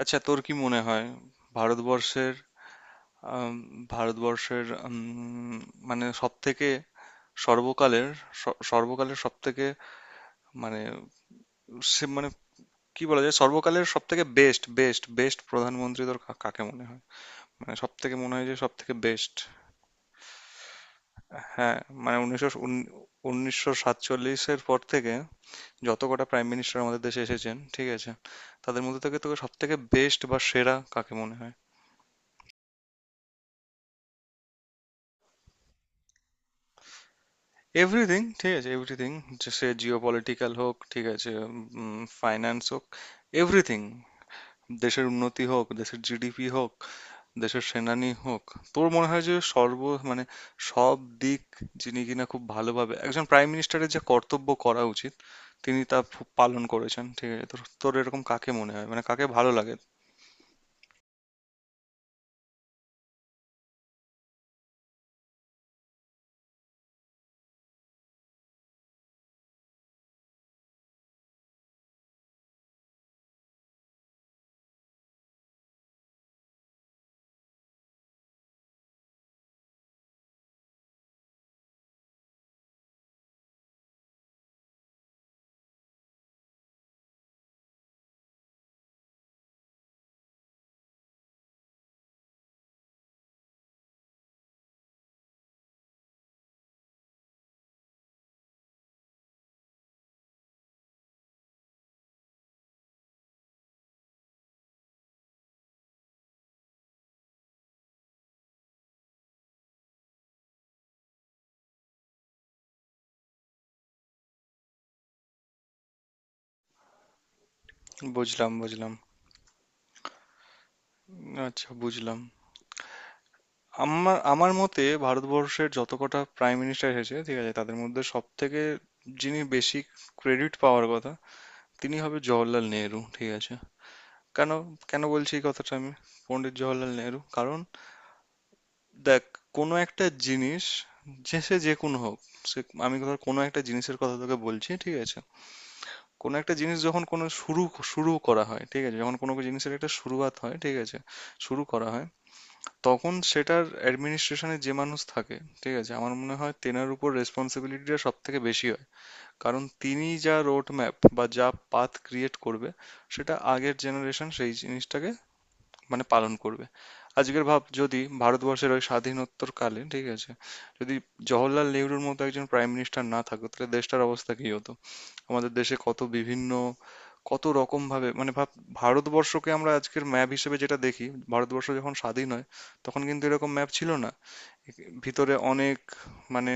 আচ্ছা তোর কি মনে হয় ভারতবর্ষের আম, ভারতবর্ষের মানে সব থেকে সর্বকালের সর্বকালের সব থেকে মানে সে মানে কি বলা যায় সর্বকালের সব থেকে বেস্ট বেস্ট বেস্ট প্রধানমন্ত্রী তোর কাকে মনে হয় মানে সব থেকে মনে হয় যে সব থেকে বেস্ট। হ্যাঁ মানে উনিশশো উনিশশো সাতচল্লিশের পর থেকে যত কটা প্রাইম মিনিস্টার আমাদের দেশে এসেছেন ঠিক আছে তাদের মধ্যে থেকে তোকে সব থেকে বেস্ট বা সেরা কাকে মনে হয়। এভরিথিং ঠিক আছে এভরিথিং সে জিও পলিটিক্যাল হোক ঠিক আছে ফাইন্যান্স হোক এভরিথিং দেশের উন্নতি হোক দেশের জিডিপি হোক দেশের সেনানি হোক তোর মনে হয় যে সর্ব মানে সব দিক যিনি কিনা খুব ভালোভাবে একজন প্রাইম মিনিস্টারের যে কর্তব্য করা উচিত তিনি তা পালন করেছেন ঠিক আছে তোর তোর এরকম কাকে মনে হয় মানে কাকে ভালো লাগে। বুঝলাম বুঝলাম, আচ্ছা বুঝলাম। আমার আমার মতে ভারতবর্ষের যত কটা প্রাইম মিনিস্টার এসেছে ঠিক আছে তাদের মধ্যে সব থেকে যিনি বেশি ক্রেডিট পাওয়ার কথা তিনি হবে জওহরলাল নেহেরু ঠিক আছে। কেন কেন বলছি এই কথাটা আমি, পণ্ডিত জওহরলাল নেহেরু, কারণ দেখ কোনো একটা জিনিস যে সে যে কোনো হোক সে আমি ধর কোনো একটা জিনিসের কথা তোকে বলছি ঠিক আছে। কোনো একটা জিনিস যখন কোনো শুরু, শুরু করা হয় ঠিক আছে যখন কোনো জিনিসের একটা শুরুয়াত হয় ঠিক আছে শুরু করা হয় তখন সেটার অ্যাডমিনিস্ট্রেশনে যে মানুষ থাকে ঠিক আছে আমার মনে হয় তেনার উপর রেসপন্সিবিলিটিটা সব থেকে বেশি হয়। কারণ তিনি যা রোড ম্যাপ বা যা পাথ ক্রিয়েট করবে সেটা আগের জেনারেশন সেই জিনিসটাকে মানে পালন করবে। আজকের ভাব যদি ভারতবর্ষের ওই স্বাধীনোত্তর কালে ঠিক আছে যদি জওহরলাল নেহরুর মতো একজন প্রাইম মিনিস্টার না থাকতো তাহলে দেশটার অবস্থা কি হতো। আমাদের দেশে কত বিভিন্ন কত রকম ভাবে মানে ভাব ভারতবর্ষকে আমরা আজকের ম্যাপ হিসেবে যেটা দেখি ভারতবর্ষ যখন স্বাধীন হয় তখন কিন্তু এরকম ম্যাপ ছিল না। ভিতরে অনেক মানে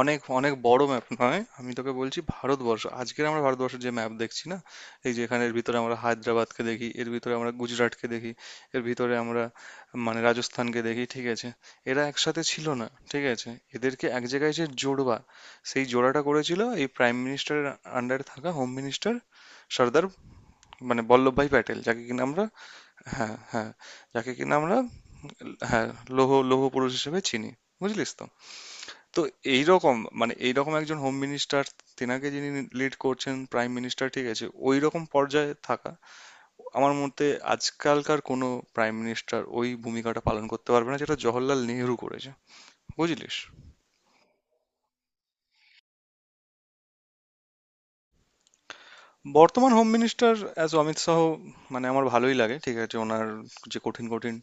অনেক অনেক বড় ম্যাপ নয় আমি তোকে বলছি ভারতবর্ষ আজকের আমরা ভারতবর্ষের যে ম্যাপ দেখছি না এই যে এখানের ভিতরে আমরা হায়দ্রাবাদকে দেখি এর ভিতরে আমরা গুজরাটকে দেখি এর ভিতরে আমরা মানে রাজস্থানকে দেখি ঠিক আছে এরা একসাথে ছিল না ঠিক আছে এদেরকে এক জায়গায় যে জোড়বা সেই জোড়াটা করেছিল এই প্রাইম মিনিস্টারের আন্ডারে থাকা হোম মিনিস্টার সর্দার মানে বল্লভভাই প্যাটেল যাকে কিনা আমরা, হ্যাঁ হ্যাঁ, যাকে কিনা আমরা, হ্যাঁ, লৌহ লৌহ পুরুষ হিসেবে চিনি, বুঝলিস তো। তো এইরকম মানে এইরকম একজন হোম মিনিস্টার তেনাকে যিনি লিড করছেন প্রাইম মিনিস্টার ঠিক আছে ওই রকম পর্যায়ে থাকা আমার মতে আজকালকার কোনো প্রাইম মিনিস্টার ওই ভূমিকাটা পালন করতে পারবে না যেটা জওহরলাল নেহরু করেছে, বুঝলিস। বর্তমান home minister as Amit Shah মানে আমার ভালোই লাগে ঠিক আছে ওনার যে কঠিন কঠিন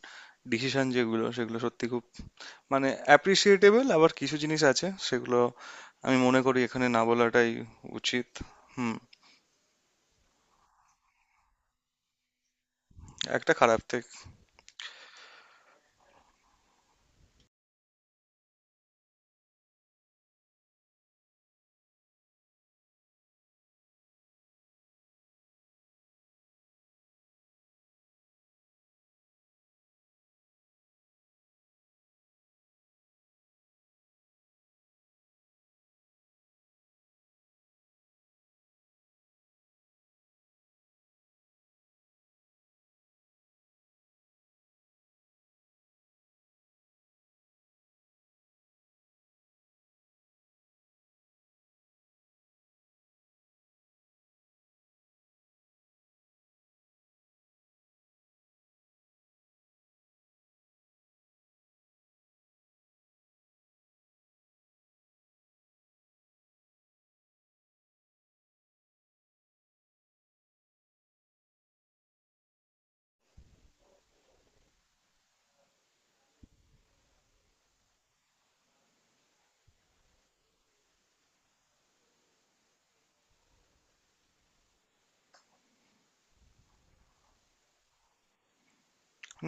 ডিসিশন যেগুলো সেগুলো সত্যি খুব মানে অ্যাপ্রিসিয়েটেবল আবার কিছু জিনিস আছে সেগুলো আমি মনে করি এখানে না বলাটাই উচিত। হুম, একটা খারাপ দিক।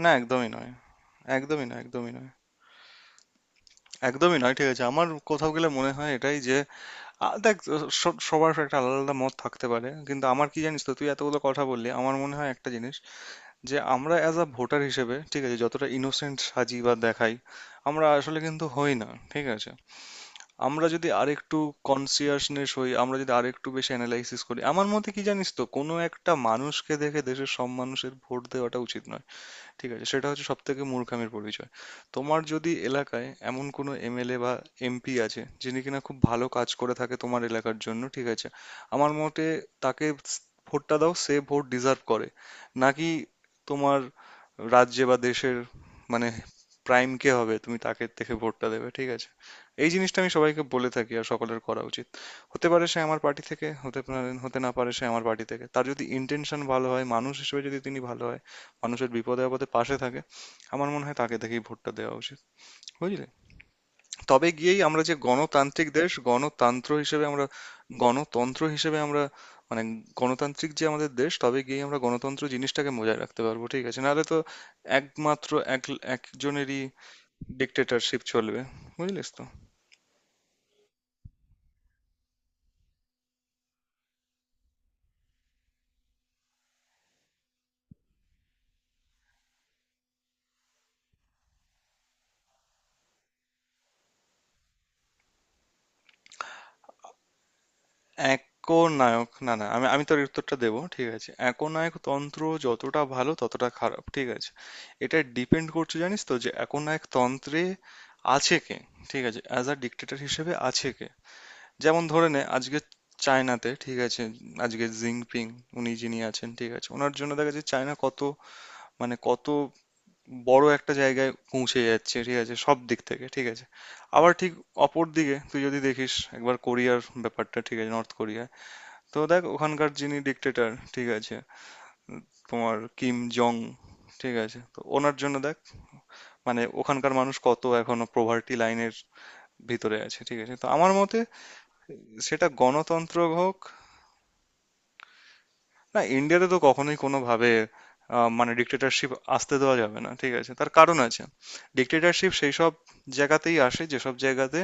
না একদমই নয়, একদমই না, একদমই নয়, একদমই নয় ঠিক আছে আমার কোথাও গেলে মনে হয় এটাই যে দেখ, সবার একটা আলাদা আলাদা মত থাকতে পারে কিন্তু আমার কি জানিস তো তুই এতগুলো কথা বললি আমার মনে হয় একটা জিনিস যে আমরা অ্যাজ আ ভোটার হিসেবে ঠিক আছে যতটা ইনোসেন্ট সাজি বা দেখাই আমরা আসলে কিন্তু হই না ঠিক আছে। আমরা যদি আরেকটু কনসিয়াসনেস হই আমরা যদি আরেকটু বেশি অ্যানালাইসিস করি আমার মতে কি জানিস তো কোনো একটা মানুষকে দেখে দেশের সব মানুষের ভোট দেওয়াটা উচিত নয় ঠিক আছে সেটা হচ্ছে সবথেকে মূর্খামির পরিচয়। তোমার যদি এলাকায় এমন কোনো এমএলএ বা এমপি আছে যিনি কিনা খুব ভালো কাজ করে থাকে তোমার এলাকার জন্য ঠিক আছে আমার মতে তাকে ভোটটা দাও, সে ভোট ডিজার্ভ করে। নাকি তোমার রাজ্যে বা দেশের মানে প্রাইম কে হবে তুমি তাকে থেকে ভোটটা দেবে ঠিক আছে এই জিনিসটা আমি সবাইকে বলে থাকি আর সকলের করা উচিত। হতে পারে সে আমার পার্টি থেকে হতে পারে, হতে না পারে সে আমার পার্টি থেকে তার যদি ইন্টেনশন ভালো হয় মানুষ হিসেবে যদি তিনি ভালো হয় মানুষের বিপদে আপদে পাশে থাকে আমার মনে হয় তাকে দেখেই ভোটটা দেওয়া উচিত, বুঝলে। তবে গিয়েই আমরা যে গণতান্ত্রিক দেশ গণতন্ত্র হিসেবে আমরা গণতন্ত্র হিসেবে আমরা মানে গণতান্ত্রিক যে আমাদের দেশ তবে গিয়ে আমরা গণতন্ত্র জিনিসটাকে বজায় রাখতে পারবো ঠিক আছে নাহলে তো একমাত্র এক একজনেরই ডিক্টেটরশিপ চলবে, বুঝলিস তো। একনায়ক, না না আমি আমি তোর এই উত্তরটা দেবো ঠিক আছে একনায়ক তন্ত্র যতটা ভালো ততটা খারাপ ঠিক আছে এটা ডিপেন্ড করছে জানিস তো যে একনায়ক তন্ত্রে আছে কে ঠিক আছে অ্যাজ আ ডিক্টেটর হিসেবে আছে কে। যেমন ধরে নে আজকে চায়নাতে ঠিক আছে আজকে জিনপিং উনি যিনি আছেন ঠিক আছে ওনার জন্য দেখা যাচ্ছে চায়না কত মানে কত বড় একটা জায়গায় পৌঁছে যাচ্ছে ঠিক আছে সব দিক থেকে ঠিক আছে। আবার ঠিক অপর দিকে তুই যদি দেখিস একবার কোরিয়ার ব্যাপারটা ঠিক আছে, নর্থ কোরিয়া, তো দেখ ওখানকার যিনি ডিক্টেটর ঠিক আছে তোমার কিম জং ঠিক আছে তো ওনার জন্য দেখ মানে ওখানকার মানুষ কত এখনো পোভার্টি লাইনের ভিতরে আছে ঠিক আছে তো আমার মতে সেটা গণতন্ত্র হোক। না ইন্ডিয়াতে তো কখনোই কোনোভাবে মানে ডিক্টেটরশিপ আসতে দেওয়া যাবে না ঠিক আছে তার কারণ আছে। ডিক্টেটরশিপ সেই সব জায়গাতেই আসে যেসব জায়গাতে।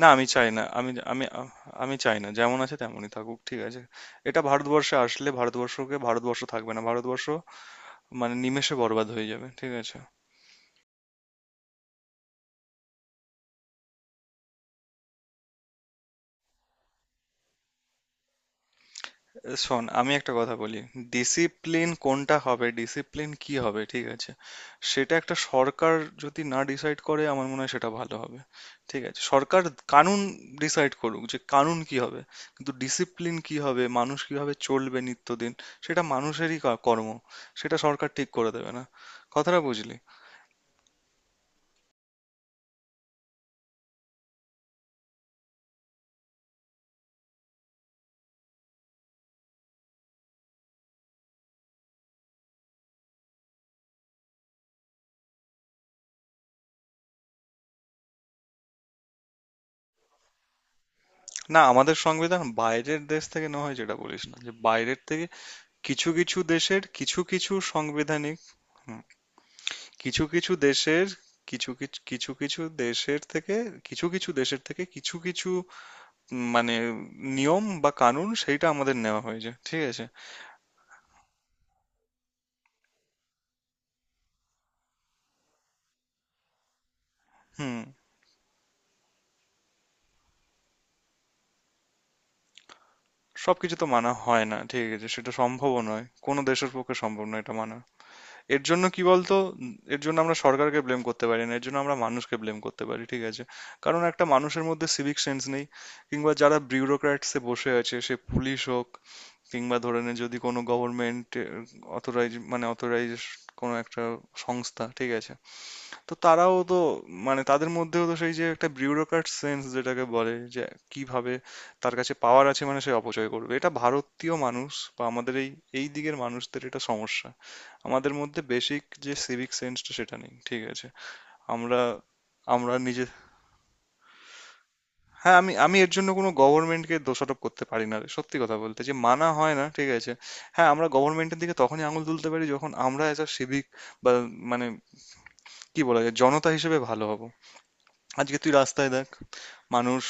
না আমি চাই না, আমি আমি আমি চাই না, যেমন আছে তেমনই থাকুক ঠিক আছে এটা ভারতবর্ষে আসলে ভারতবর্ষকে ভারতবর্ষ থাকবে না ভারতবর্ষ মানে নিমেষে বরবাদ হয়ে যাবে ঠিক আছে। শোন আমি একটা কথা বলি, ডিসিপ্লিন কোনটা হবে ডিসিপ্লিন কি হবে ঠিক আছে সেটা একটা সরকার যদি না ডিসাইড করে আমার মনে হয় সেটা ভালো হবে ঠিক আছে সরকার কানুন ডিসাইড করুক যে কানুন কি হবে কিন্তু ডিসিপ্লিন কি হবে মানুষ কিভাবে চলবে নিত্যদিন সেটা মানুষেরই কর্ম, সেটা সরকার ঠিক করে দেবে না, কথাটা বুঝলি। না আমাদের সংবিধান বাইরের দেশ থেকে নেওয়া হয় যেটা বলিস না যে বাইরের থেকে কিছু কিছু দেশের কিছু কিছু সাংবিধানিক, হুম, কিছু কিছু দেশের কিছু কিছু দেশের থেকে কিছু কিছু দেশের থেকে কিছু কিছু মানে নিয়ম বা কানুন সেইটা আমাদের নেওয়া হয়েছে ঠিক আছে। হুম। সবকিছু তো মানা হয় না ঠিক আছে সেটা সম্ভবও নয় কোনো দেশের পক্ষে সম্ভব নয় এটা মানা, এর জন্য কি বলতো এর জন্য আমরা সরকারকে ব্লেম করতে পারি না এর জন্য আমরা মানুষকে ব্লেম করতে পারি ঠিক আছে। কারণ একটা মানুষের মধ্যে সিভিক সেন্স নেই কিংবা যারা বিউরোক্র্যাটসে বসে আছে সে পুলিশ হোক কিংবা ধরে নে যদি কোনো গভর্নমেন্ট অথরাইজ কোনো একটা সংস্থা ঠিক আছে তো তারাও তো মানে তাদের মধ্যেও তো সেই যে একটা বিউরোক্র্যাট সেন্স যেটাকে বলে যে কিভাবে তার কাছে পাওয়ার আছে মানে সে অপচয় করবে। এটা ভারতীয় মানুষ বা আমাদের এই এই দিকের মানুষদের এটা সমস্যা, আমাদের মধ্যে বেসিক যে সিভিক সেন্সটা সেটা নেই ঠিক আছে। আমরা আমরা নিজে, হ্যাঁ, আমি আমি এর জন্য কোনো গভর্নমেন্টকে দোষারোপ করতে পারি না। সত্যি কথা বলতে যে মানা হয় না, ঠিক আছে? হ্যাঁ, আমরা গভর্নমেন্টের দিকে তখনই আঙুল তুলতে পারি যখন আমরা as a civic বা মানে কি বলা যায়? জনতা হিসেবে ভালো হব। আজকে তুই রাস্তায় দেখ মানুষ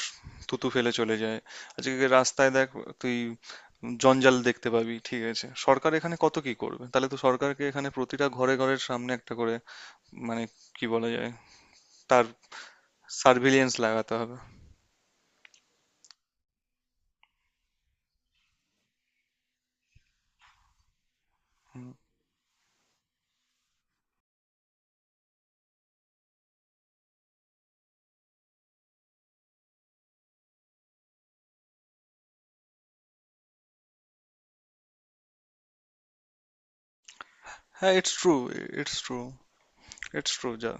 থুতু ফেলে চলে যায়। আজকে রাস্তায় দেখ তুই জঞ্জাল দেখতে পাবি, ঠিক আছে? সরকার এখানে কত কি করবে? তাহলে তো সরকারকে এখানে প্রতিটা ঘরে, ঘরের সামনে একটা করে মানে কি বলা যায়? তার সার্ভিলিয়েন্স লাগাতে হবে। হুম। হ্যাঁ, it's true, it's true, it's true যা,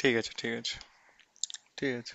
ঠিক আছে, ঠিক আছে, ঠিক আছে।